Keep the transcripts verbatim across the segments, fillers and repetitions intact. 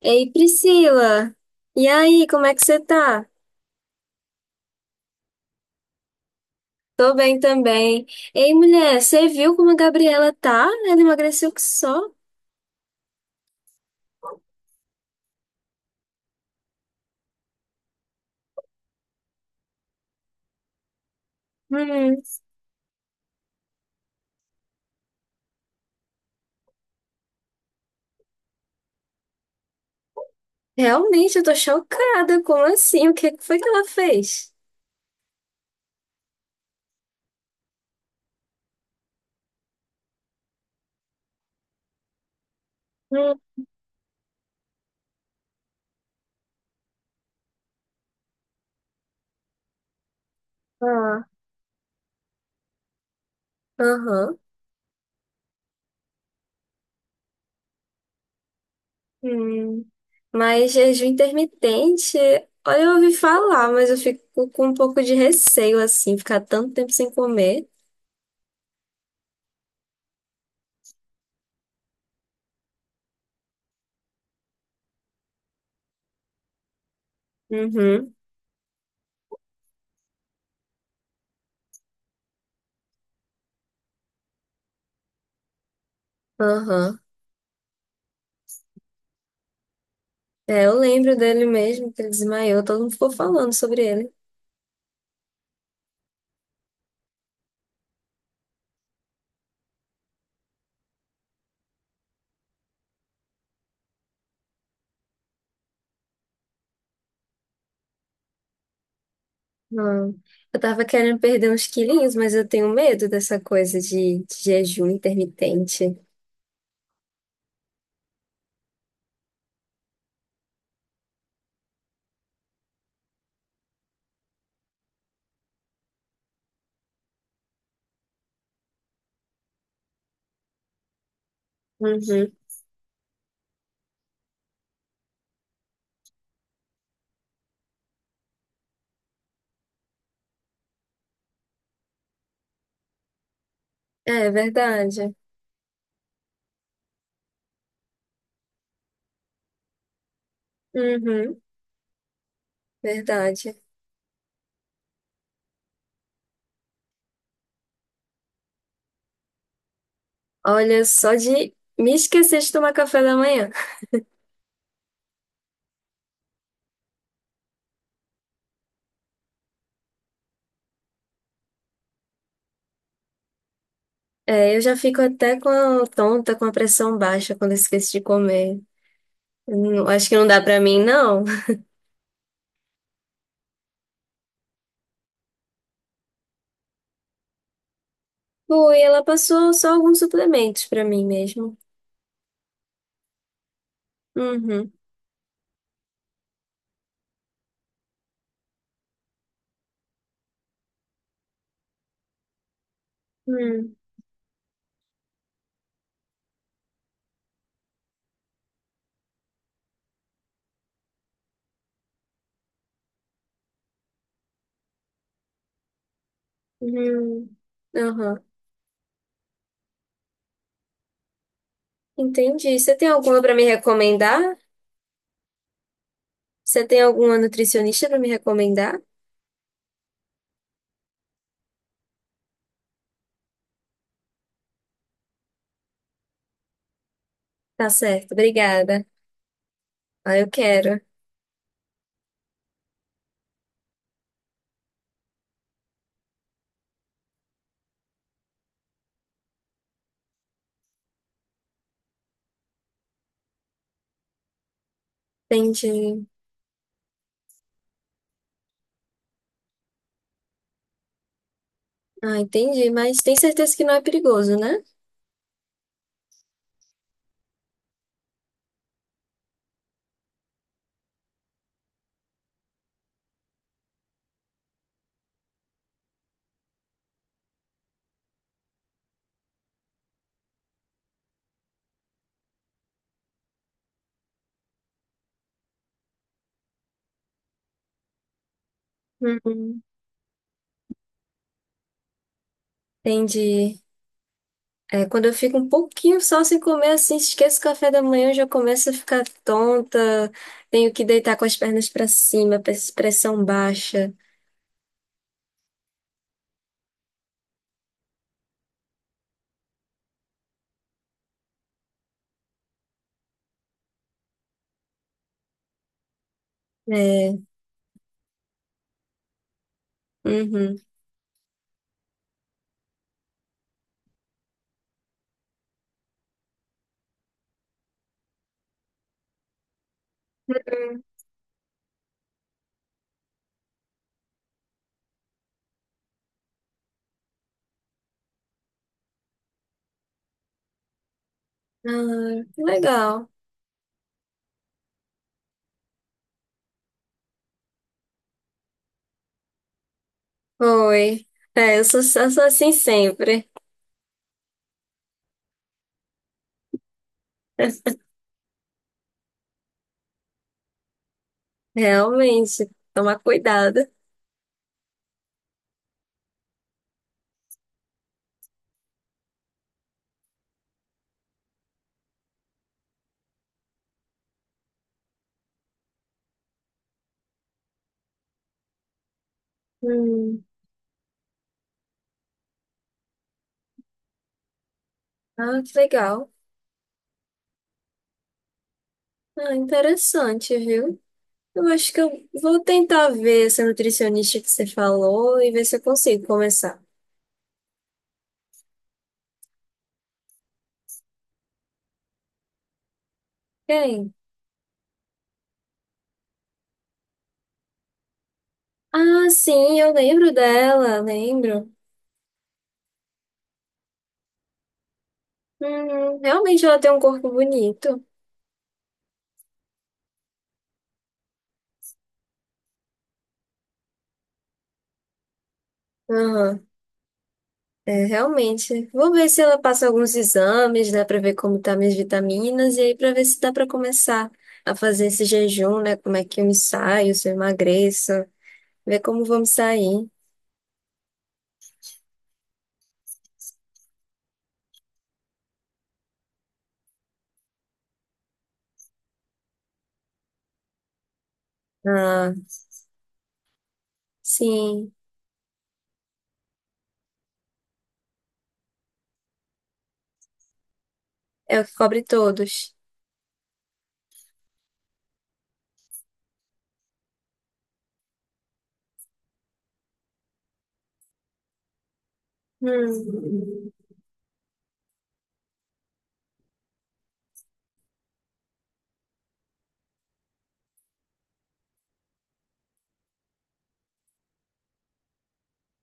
Ei, Priscila! E aí, como é que você tá? Tô bem também. Ei, mulher, você viu como a Gabriela tá? Ela emagreceu que só. Hum, realmente, eu tô chocada. Como assim? O que que foi que ela fez? Hum, ah, aham. Hum. Mas jejum intermitente, olha, eu ouvi falar, mas eu fico com um pouco de receio, assim, ficar tanto tempo sem comer. Uhum, aham. É, eu lembro dele mesmo, que ele desmaiou, todo mundo ficou falando sobre ele. Ah, eu tava querendo perder uns quilinhos, mas eu tenho medo dessa coisa de, de jejum intermitente. Uhum. É verdade. Uhum, verdade. Olha, só de me esquecer de tomar café da manhã. É, eu já fico até com a- tonta, com a pressão baixa quando eu esqueço de comer. Não, acho que não dá pra mim, não. Foi, ela passou só alguns suplementos pra mim mesmo. Uhum. Hum, hum, aham. Entendi. Você tem alguma pra me recomendar? Você tem alguma nutricionista para me recomendar? Tá certo, obrigada. Ah, eu quero. Entendi. Ah, entendi, mas tem certeza que não é perigoso, né? Uhum. Entendi. É, quando eu fico um pouquinho só sem comer assim, esqueço o café da manhã, eu já começo a ficar tonta, tenho que deitar com as pernas para cima, pres- pressão baixa. É, uhum. Ah, que legal. Oi. É, eu sou, eu sou assim sempre. Realmente, tomar cuidado. Hum. Ah, que legal. Ah, interessante, viu? Eu acho que eu vou tentar ver essa nutricionista que você falou e ver se eu consigo começar. Quem? Ah, sim, eu lembro dela, lembro. Hum, realmente ela tem um corpo bonito. Aham, é, realmente. Vou ver se ela passa alguns exames, né, pra ver como tá minhas vitaminas e aí pra ver se dá pra começar a fazer esse jejum, né, como é que eu me saio, se eu emagreço, ver como vou me sair. Ah, sim, é o que cobre todos. Hum.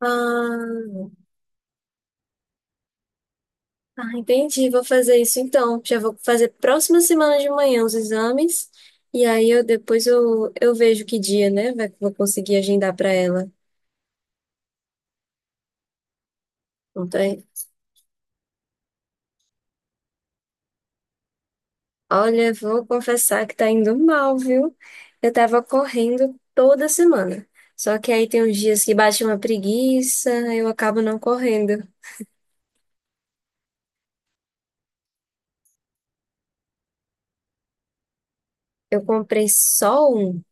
Ah, ah, entendi. Vou fazer isso então. Já vou fazer próxima semana de manhã os exames. E aí eu depois eu, eu vejo que dia, né? Vai, vou conseguir agendar para ela. Não tá aí. Olha, vou confessar que tá indo mal, viu? Eu tava correndo toda semana. Só que aí tem uns dias que bate uma preguiça, eu acabo não correndo. Eu comprei só um.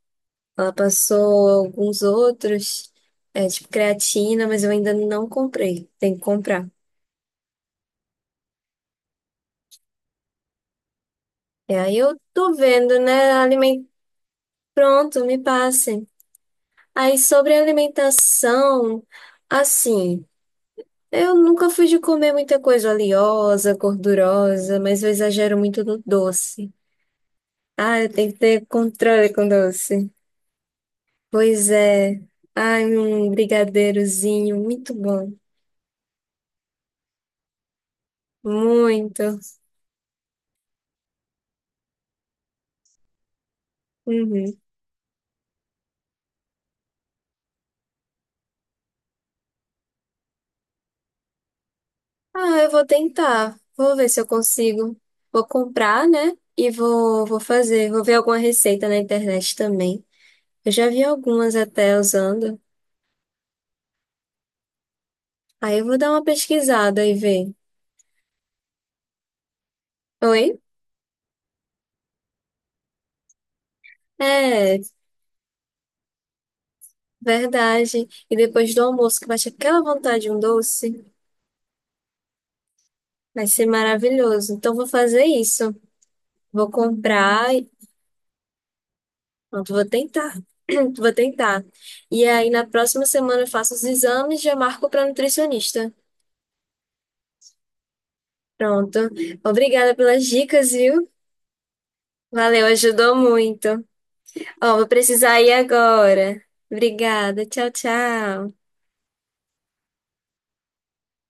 Ela passou alguns outros, é, tipo creatina, mas eu ainda não comprei. Tem que comprar. E aí eu tô vendo, né? Aliment... Pronto, me passem. Aí sobre alimentação, assim, eu nunca fui de comer muita coisa oleosa, gordurosa, mas eu exagero muito no doce. Ah, eu tenho que ter controle com doce. Pois é. Ai, um brigadeirozinho, muito bom. Muito. Uhum. Ah, eu vou tentar. Vou ver se eu consigo. Vou comprar, né? E vou, vou fazer. Vou ver alguma receita na internet também. Eu já vi algumas até usando. Aí eu vou dar uma pesquisada e ver. Oi? É, verdade. E depois do almoço, que bate aquela vontade de um doce, vai ser maravilhoso. Então vou fazer isso. Vou comprar. e- Pronto, vou tentar. Vou tentar. E aí na próxima semana eu faço os exames e já marco para nutricionista. Pronto. Obrigada pelas dicas, viu? Valeu, ajudou muito. Ó, vou precisar ir agora. Obrigada. Tchau, tchau.